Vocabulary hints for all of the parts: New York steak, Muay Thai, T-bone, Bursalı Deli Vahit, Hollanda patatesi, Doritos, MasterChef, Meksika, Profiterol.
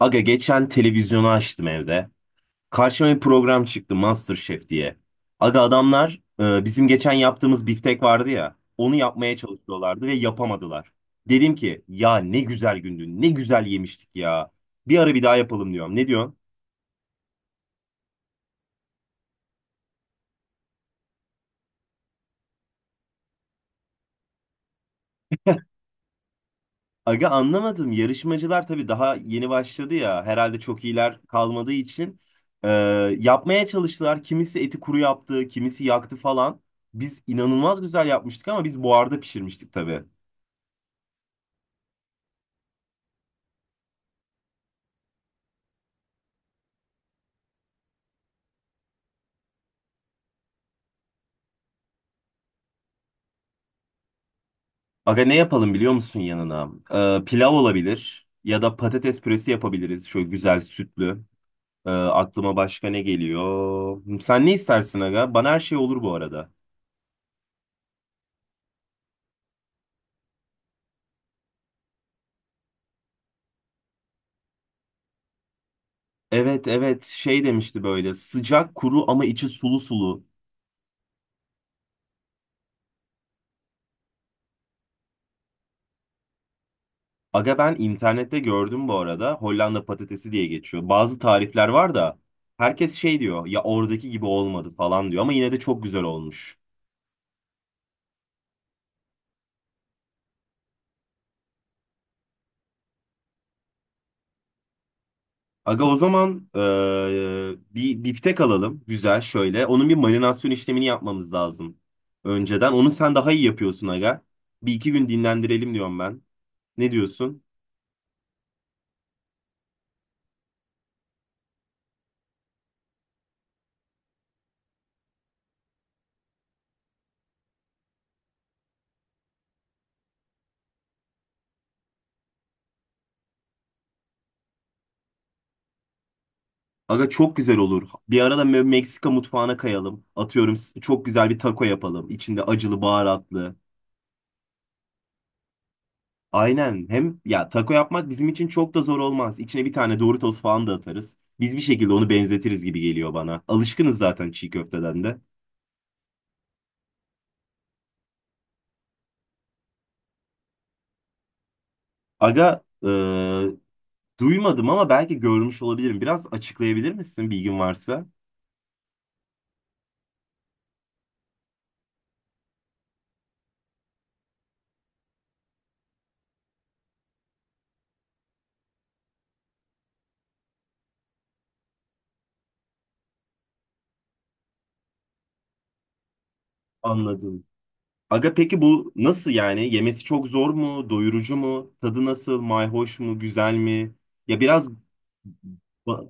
Aga geçen televizyonu açtım evde. Karşıma bir program çıktı MasterChef diye. Aga adamlar bizim geçen yaptığımız biftek vardı ya. Onu yapmaya çalışıyorlardı ve yapamadılar. Dedim ki ya ne güzel gündü, ne güzel yemiştik ya. Bir ara bir daha yapalım diyorum. Ne diyorsun? Aga anlamadım. Yarışmacılar tabii daha yeni başladı ya. Herhalde çok iyiler kalmadığı için e, yapmaya çalıştılar. Kimisi eti kuru yaptı, kimisi yaktı falan. Biz inanılmaz güzel yapmıştık ama biz buharda pişirmiştik tabii. Aga ne yapalım biliyor musun yanına? Pilav olabilir ya da patates püresi yapabiliriz. Şöyle güzel sütlü. Aklıma başka ne geliyor? Sen ne istersin aga? Bana her şey olur bu arada. Evet evet şey demişti böyle sıcak kuru ama içi sulu sulu. Aga ben internette gördüm bu arada Hollanda patatesi diye geçiyor. Bazı tarifler var da herkes şey diyor ya oradaki gibi olmadı falan diyor ama yine de çok güzel olmuş. Aga o zaman bir biftek alalım güzel şöyle. Onun bir marinasyon işlemini yapmamız lazım önceden. Onu sen daha iyi yapıyorsun aga. Bir iki gün dinlendirelim diyorum ben. Ne diyorsun? Aga çok güzel olur. Bir arada Meksika mutfağına kayalım. Atıyorum çok güzel bir taco yapalım. İçinde acılı baharatlı. Aynen. Hem ya taco yapmak bizim için çok da zor olmaz. İçine bir tane Doritos falan da atarız. Biz bir şekilde onu benzetiriz gibi geliyor bana. Alışkınız zaten çiğ köfteden de. Aga, duymadım ama belki görmüş olabilirim. Biraz açıklayabilir misin bilgin varsa? Anladım. Aga peki bu nasıl yani? Yemesi çok zor mu? Doyurucu mu? Tadı nasıl? Mayhoş mu? Güzel mi? Ya biraz ba-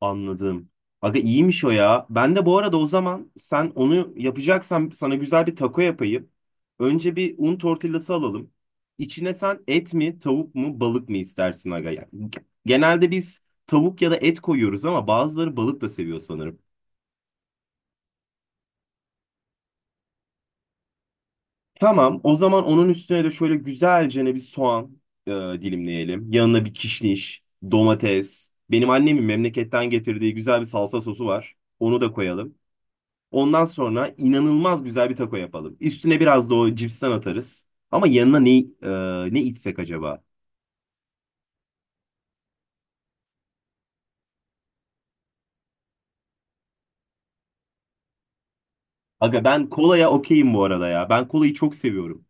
anladım. Aga iyiymiş o ya. Ben de bu arada o zaman sen onu yapacaksan sana güzel bir taco yapayım. Önce bir un tortillası alalım. İçine sen et mi, tavuk mu, balık mı istersin aga? Yani genelde biz tavuk ya da et koyuyoruz ama bazıları balık da seviyor sanırım. Tamam, o zaman onun üstüne de şöyle güzelce bir soğan dilimleyelim. Yanına bir kişniş, domates. Benim annemin memleketten getirdiği güzel bir salsa sosu var. Onu da koyalım. Ondan sonra inanılmaz güzel bir taco yapalım. Üstüne biraz da o cipsten atarız. Ama yanına ne içsek acaba? Aga ben kolaya okeyim bu arada ya. Ben kolayı çok seviyorum.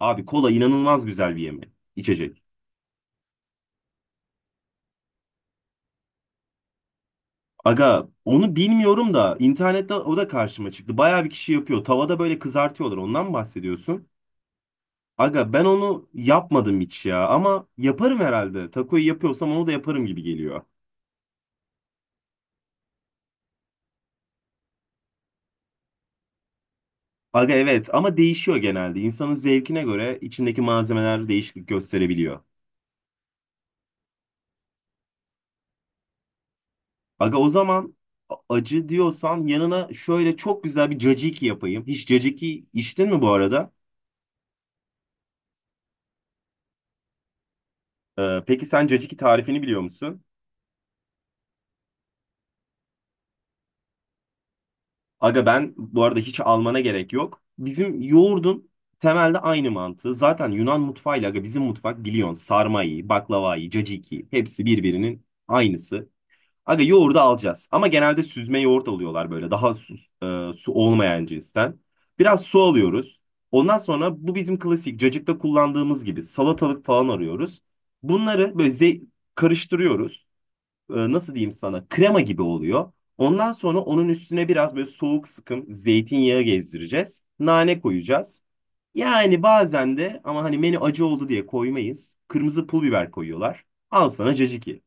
Abi kola inanılmaz güzel bir içecek. Aga onu bilmiyorum da internette o da karşıma çıktı. Bayağı bir kişi yapıyor. Tavada böyle kızartıyorlar. Ondan mı bahsediyorsun? Aga ben onu yapmadım hiç ya ama yaparım herhalde. Takoyu yapıyorsam onu da yaparım gibi geliyor. Aga evet ama değişiyor genelde. İnsanın zevkine göre içindeki malzemeler değişiklik gösterebiliyor. Aga o zaman acı diyorsan yanına şöyle çok güzel bir caciki yapayım. Hiç caciki içtin mi bu arada? Peki sen caciki tarifini biliyor musun? Aga ben bu arada hiç almana gerek yok. Bizim yoğurdun temelde aynı mantığı. Zaten Yunan mutfağıyla aga bizim mutfak biliyorsun sarmayı, baklavayı, caciki hepsi birbirinin aynısı. Aga yoğurdu alacağız ama genelde süzme yoğurt alıyorlar böyle daha su olmayan cinsten. Biraz su alıyoruz. Ondan sonra bu bizim klasik cacıkta kullandığımız gibi salatalık falan arıyoruz. Bunları böyle karıştırıyoruz, nasıl diyeyim sana krema gibi oluyor. Ondan sonra onun üstüne biraz böyle soğuk sıkım zeytinyağı gezdireceğiz. Nane koyacağız. Yani bazen de ama hani menü acı oldu diye koymayız. Kırmızı pul biber koyuyorlar. Al sana caciki.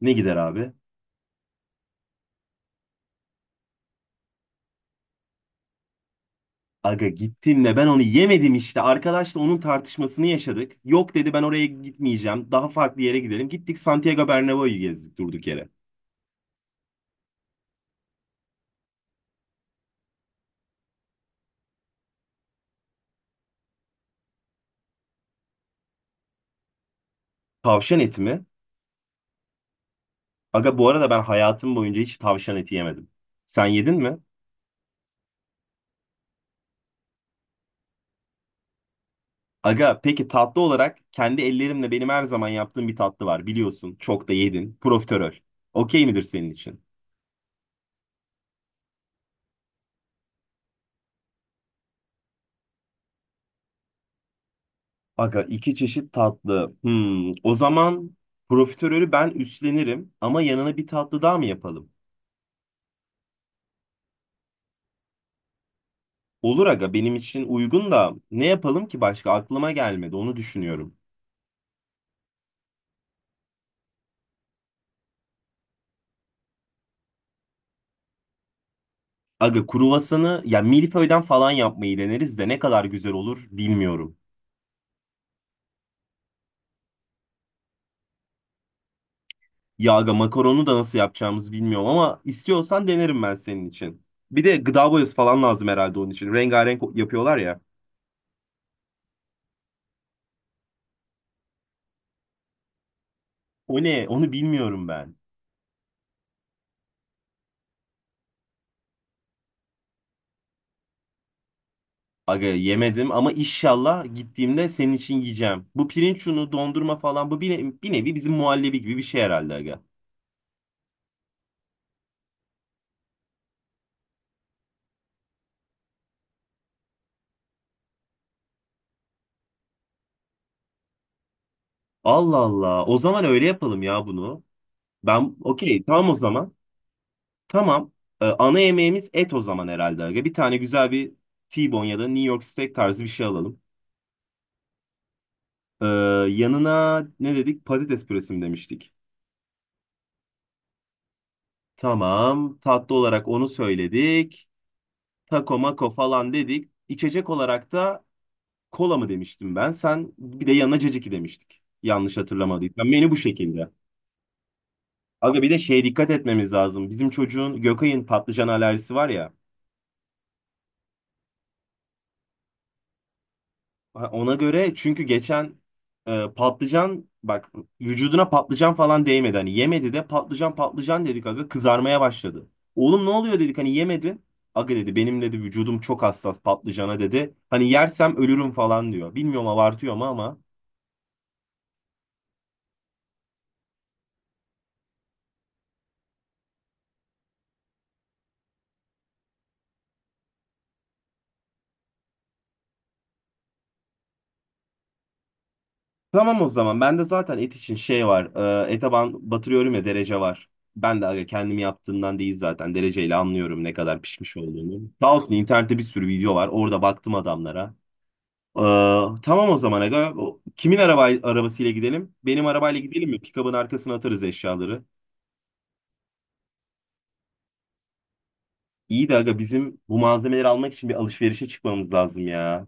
Ne gider abi? Aga gittim de ben onu yemedim işte. Arkadaşla onun tartışmasını yaşadık. Yok dedi ben oraya gitmeyeceğim. Daha farklı yere gidelim. Gittik Santiago Bernabéu'yu gezdik durduk yere. Tavşan eti mi? Aga bu arada ben hayatım boyunca hiç tavşan eti yemedim. Sen yedin mi? Aga peki tatlı olarak kendi ellerimle benim her zaman yaptığım bir tatlı var biliyorsun. Çok da yedin. Profiterol. Okey midir senin için? Aga iki çeşit tatlı. Hmm, o zaman profiterolü ben üstlenirim ama yanına bir tatlı daha mı yapalım? Olur aga benim için uygun da ne yapalım ki başka aklıma gelmedi onu düşünüyorum. Aga kruvasanı ya milföyden falan yapmayı deneriz de ne kadar güzel olur bilmiyorum. Ya aga makaronu da nasıl yapacağımızı bilmiyorum ama istiyorsan denerim ben senin için. Bir de gıda boyası falan lazım herhalde onun için. Rengarenk yapıyorlar ya. O ne? Onu bilmiyorum ben. Aga yemedim ama inşallah gittiğimde senin için yiyeceğim. Bu pirinç unu, dondurma falan bu bir, bir nevi bizim muhallebi gibi bir şey herhalde aga. Allah Allah. O zaman öyle yapalım ya bunu. Ben okey tamam o zaman. Tamam. Ana yemeğimiz et o zaman herhalde aga. Bir tane güzel bir T-bone ya da New York steak tarzı bir şey alalım. Ee, Yanına ne dedik? Patates püresi mi demiştik? Tamam. Tatlı olarak onu söyledik. Taco mako falan dedik. İçecek olarak da kola mı demiştim ben? Sen bir de yanına caciki demiştik. Yanlış hatırlamadıysam. Menü bu şekilde. Aga bir de şeye dikkat etmemiz lazım. Bizim çocuğun Gökay'ın patlıcan alerjisi var ya. Ha, ona göre çünkü geçen patlıcan bak vücuduna patlıcan falan değmedi. Hani yemedi de patlıcan patlıcan dedik aga kızarmaya başladı. Oğlum ne oluyor dedik hani yemedin. Aga dedi benim dedi vücudum çok hassas patlıcana dedi. Hani yersem ölürüm falan diyor. Bilmiyorum abartıyor mu ama. Tamam o zaman ben de zaten et için şey var. E, ete ben batırıyorum ya derece var. Ben de aga kendim yaptığımdan değil zaten dereceyle anlıyorum ne kadar pişmiş olduğunu. Sağ olsun internette bir sürü video var. Orada baktım adamlara. Ee, tamam o zaman aga. Kimin arabasıyla gidelim? Benim arabayla gidelim mi? Pikabın arkasına atarız eşyaları. İyi de aga bizim bu malzemeleri almak için bir alışverişe çıkmamız lazım ya.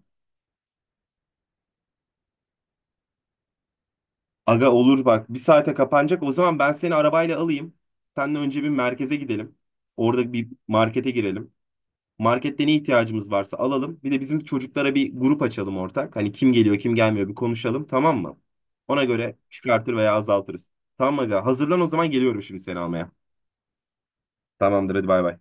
Aga olur bak bir saate kapanacak. O zaman ben seni arabayla alayım. Seninle önce bir merkeze gidelim. Orada bir markete girelim. Markette ne ihtiyacımız varsa alalım. Bir de bizim çocuklara bir grup açalım ortak. Hani kim geliyor kim gelmiyor bir konuşalım tamam mı? Ona göre çıkartır veya azaltırız. Tamam aga hazırlan o zaman geliyorum şimdi seni almaya. Tamamdır hadi bay bay.